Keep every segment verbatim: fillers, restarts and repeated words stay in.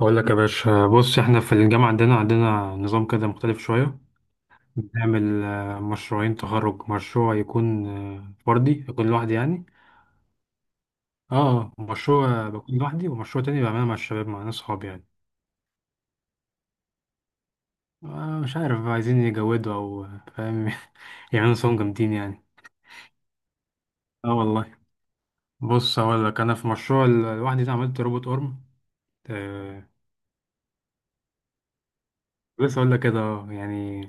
أقول لك يا باشا، بص إحنا في الجامعة عندنا عندنا نظام كده مختلف شوية. بنعمل آه، مشروعين تخرج، مشروع يكون آه، فردي يكون لوحدي يعني. اه، مشروع بكون لوحدي ومشروع تاني بعمله مع الشباب، مع ناس صحابي يعني. آه مش عارف بقى، عايزين يجودوا أو آه، فاهم. يعملوا صوم جامدين يعني. اه والله. بص أقول لك، أنا في مشروع ال- لوحدي ده عملت روبوت أرم. آه لسه أقول لك كده آه، يعني.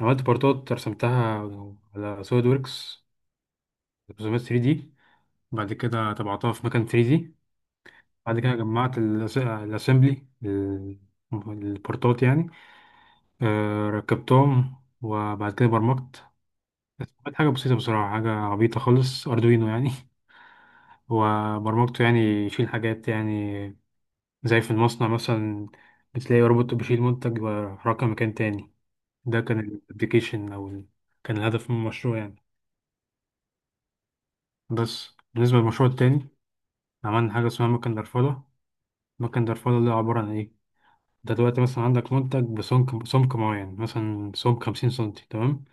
عملت بارتات رسمتها على سوليد ووركس، رسومات ثري دي. بعد كده طبعتها في مكان ثري دي. بعد كده جمعت الأس- الأسمبلي، ال- البورتات يعني. آه، ركبتهم. وبعد كده برمجت. كانت حاجة بسيطة بصراحة، حاجة عبيطة خالص، أردوينو يعني. وبرمجته يعني يشيل حاجات يعني، زي في المصنع مثلا بتلاقي روبوت بيشيل منتج ويحركه مكان تاني. ده كان الابليكيشن أو ال- كان الهدف من المشروع يعني. بس بالنسبة للمشروع التاني، عملنا حاجة اسمها مكن درفلة. مكن درفلة اللي عبارة عن إيه؟ انت دلوقتي مثلا عندك منتج بسمك، سمك معين، مثلا سمك خمسين سنتي، تمام.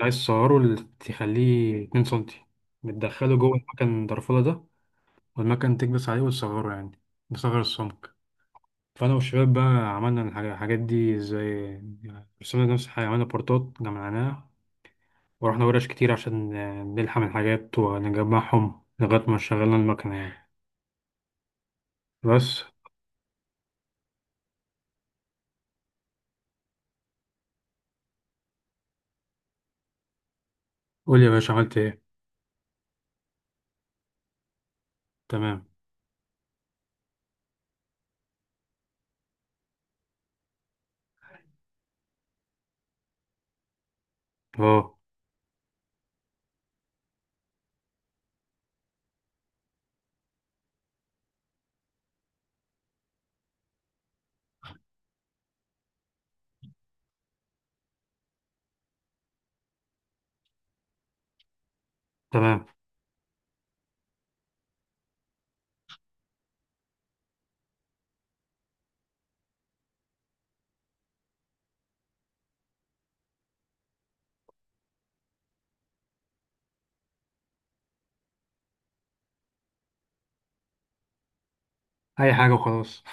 عايز تصغره، ل- تخليه اتنين سنتي. بتدخله جوه المكن الدرفولة ده. والمكن تكبس عليه وتصغره يعني، بصغر السمك. فأنا والشباب بقى عملنا الحاجة- الحاجات دي، زي رسمنا نفس الحاجة، عملنا بورتات جمعناها. ورحنا ورش كتير عشان نلحم الحاجات ونجمعهم لغاية ما شغلنا المكنة يعني، بس. قول يا باشا، عملت ايه؟ تمام. اه، تمام. أي حاجة وخلاص.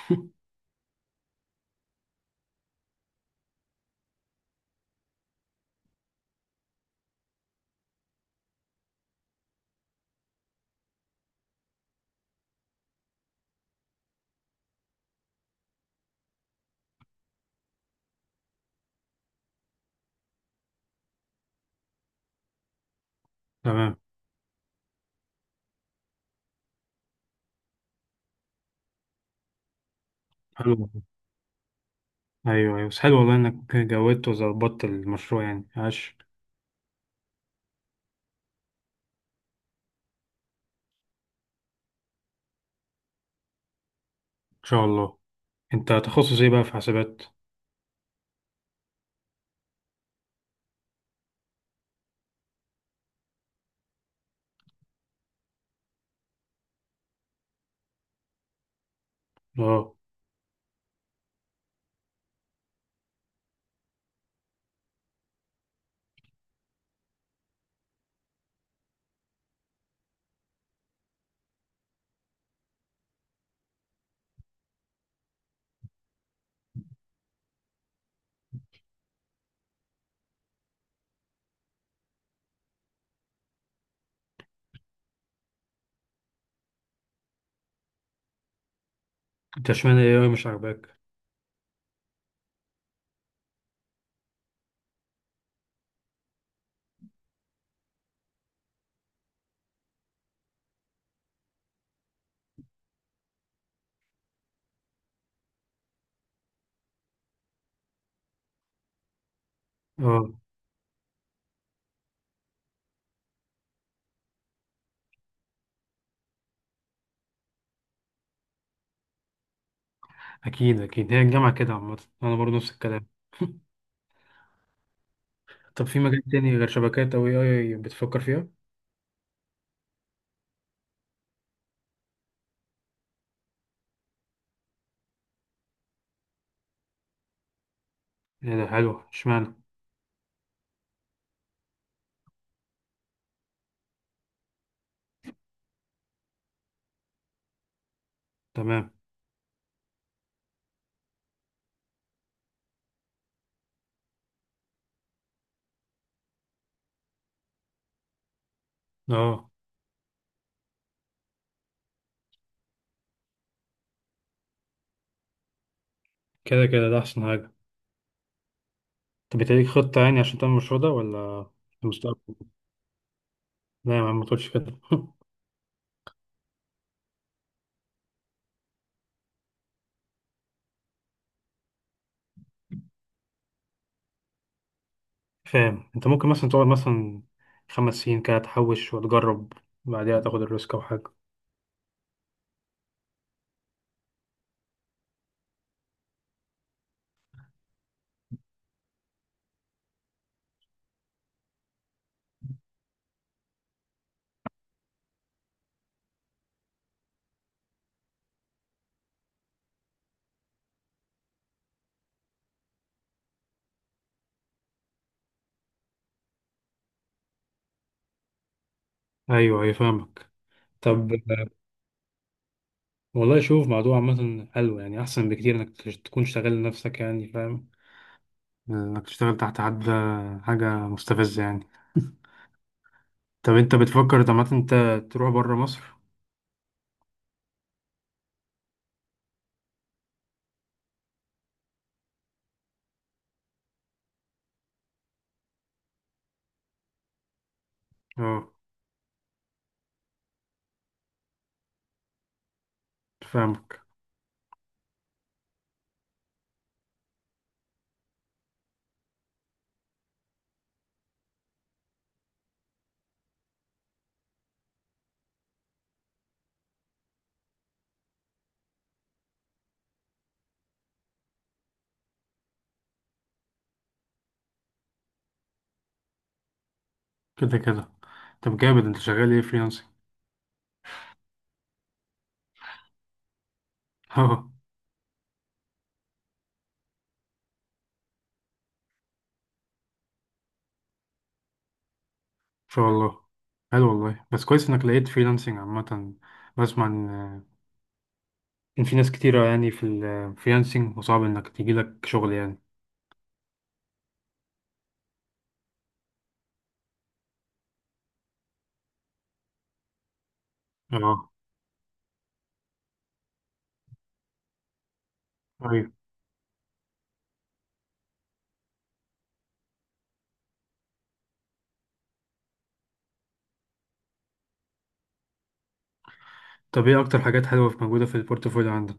تمام. حلو. ايوه ايوه، بس حلو والله انك جودت وظبطت المشروع يعني، عاش. ان شاء الله. انت تخصص ايه بقى، في حسابات؟ اه، انت اشمعنى ايه أوي مش عاجباك؟ اه اكيد اكيد، هي الجامعه كده عامه، انا برضه نفس الكلام. طب في مجال تاني غير شبكات او اي اي بتفكر فيها؟ ايه ده حلو، اشمعنى؟ تمام. اه كده كده، ده احسن حاجه. طب انت ليك خطه يعني عشان تعمل المشروع ده ولا؟ في المستقبل؟ لا يا عم، ما تقولش كده. فاهم، انت ممكن مثلا تقعد مثلا خمس سنين كده تحوش وتجرب، بعدها تاخد الريسك او حاجه. ايوه ايوه فاهمك. طب آه، والله شوف، موضوع عامة حلو يعني، احسن بكتير انك تش- تكون شغال لنفسك يعني، فاهم. انك تشتغل تحت حد آه، حاجة مستفزة يعني. طب انت بتفكر طب عامة انت تروح بره مصر؟ اه، فاهمك. كده كده. طب جامد، انت شغال ايه فريلانسنج؟ اه ان شاء الله. حلو والله، بس كويس انك لقيت فريلانسنج عامة. بسمع ان آه، ان في ناس كتيرة يعني في الفريلانسنج، وصعب انك تجيلك شغل يعني. اه، ايوه. طب ايه اكتر حاجات حلوه في موجوده في البورتفوليو عندك؟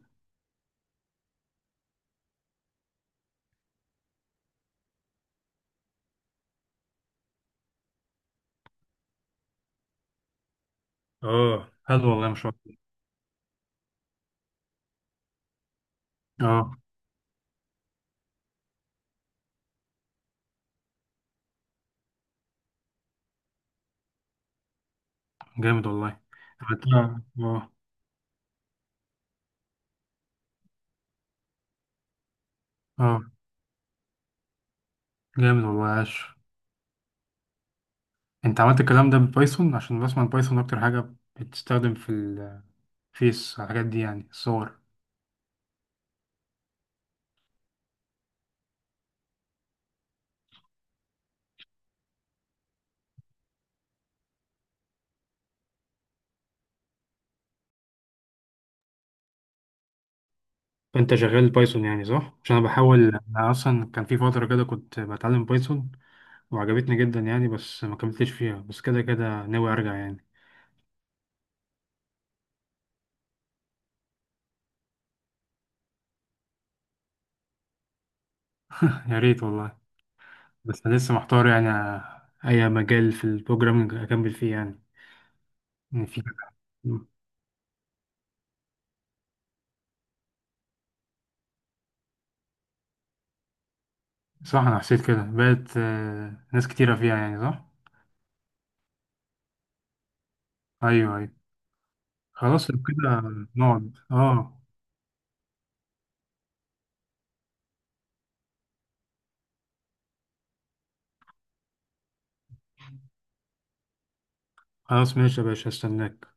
اه حلو والله ما شاء الله. اه جامد والله. عملتها، اه. اه جامد والله، عاش. انت عملت الكلام ده بالبايثون؟ عشان بسمع البايثون اكتر حاجه بتستخدم في الفيس، الحاجات دي يعني، الصور. فانت شغال بايثون يعني صح؟ عشان انا بحاول، انا اصلا كان في فتره كده كنت بتعلم بايثون وعجبتني جدا يعني، بس ما كملتش فيها، بس كده كده ناوي ارجع يعني. يا ريت والله. بس أنا لسه محتار يعني، أي مجال في البروجرامينج أكمل فيه يعني. إن في. صح، أنا حسيت كده بقت آه، ناس كتيرة فيها يعني، صح؟ أيوه أيوه. خلاص لو كده، نقعد أه. خلاص ماشي يا باشا، هستناك.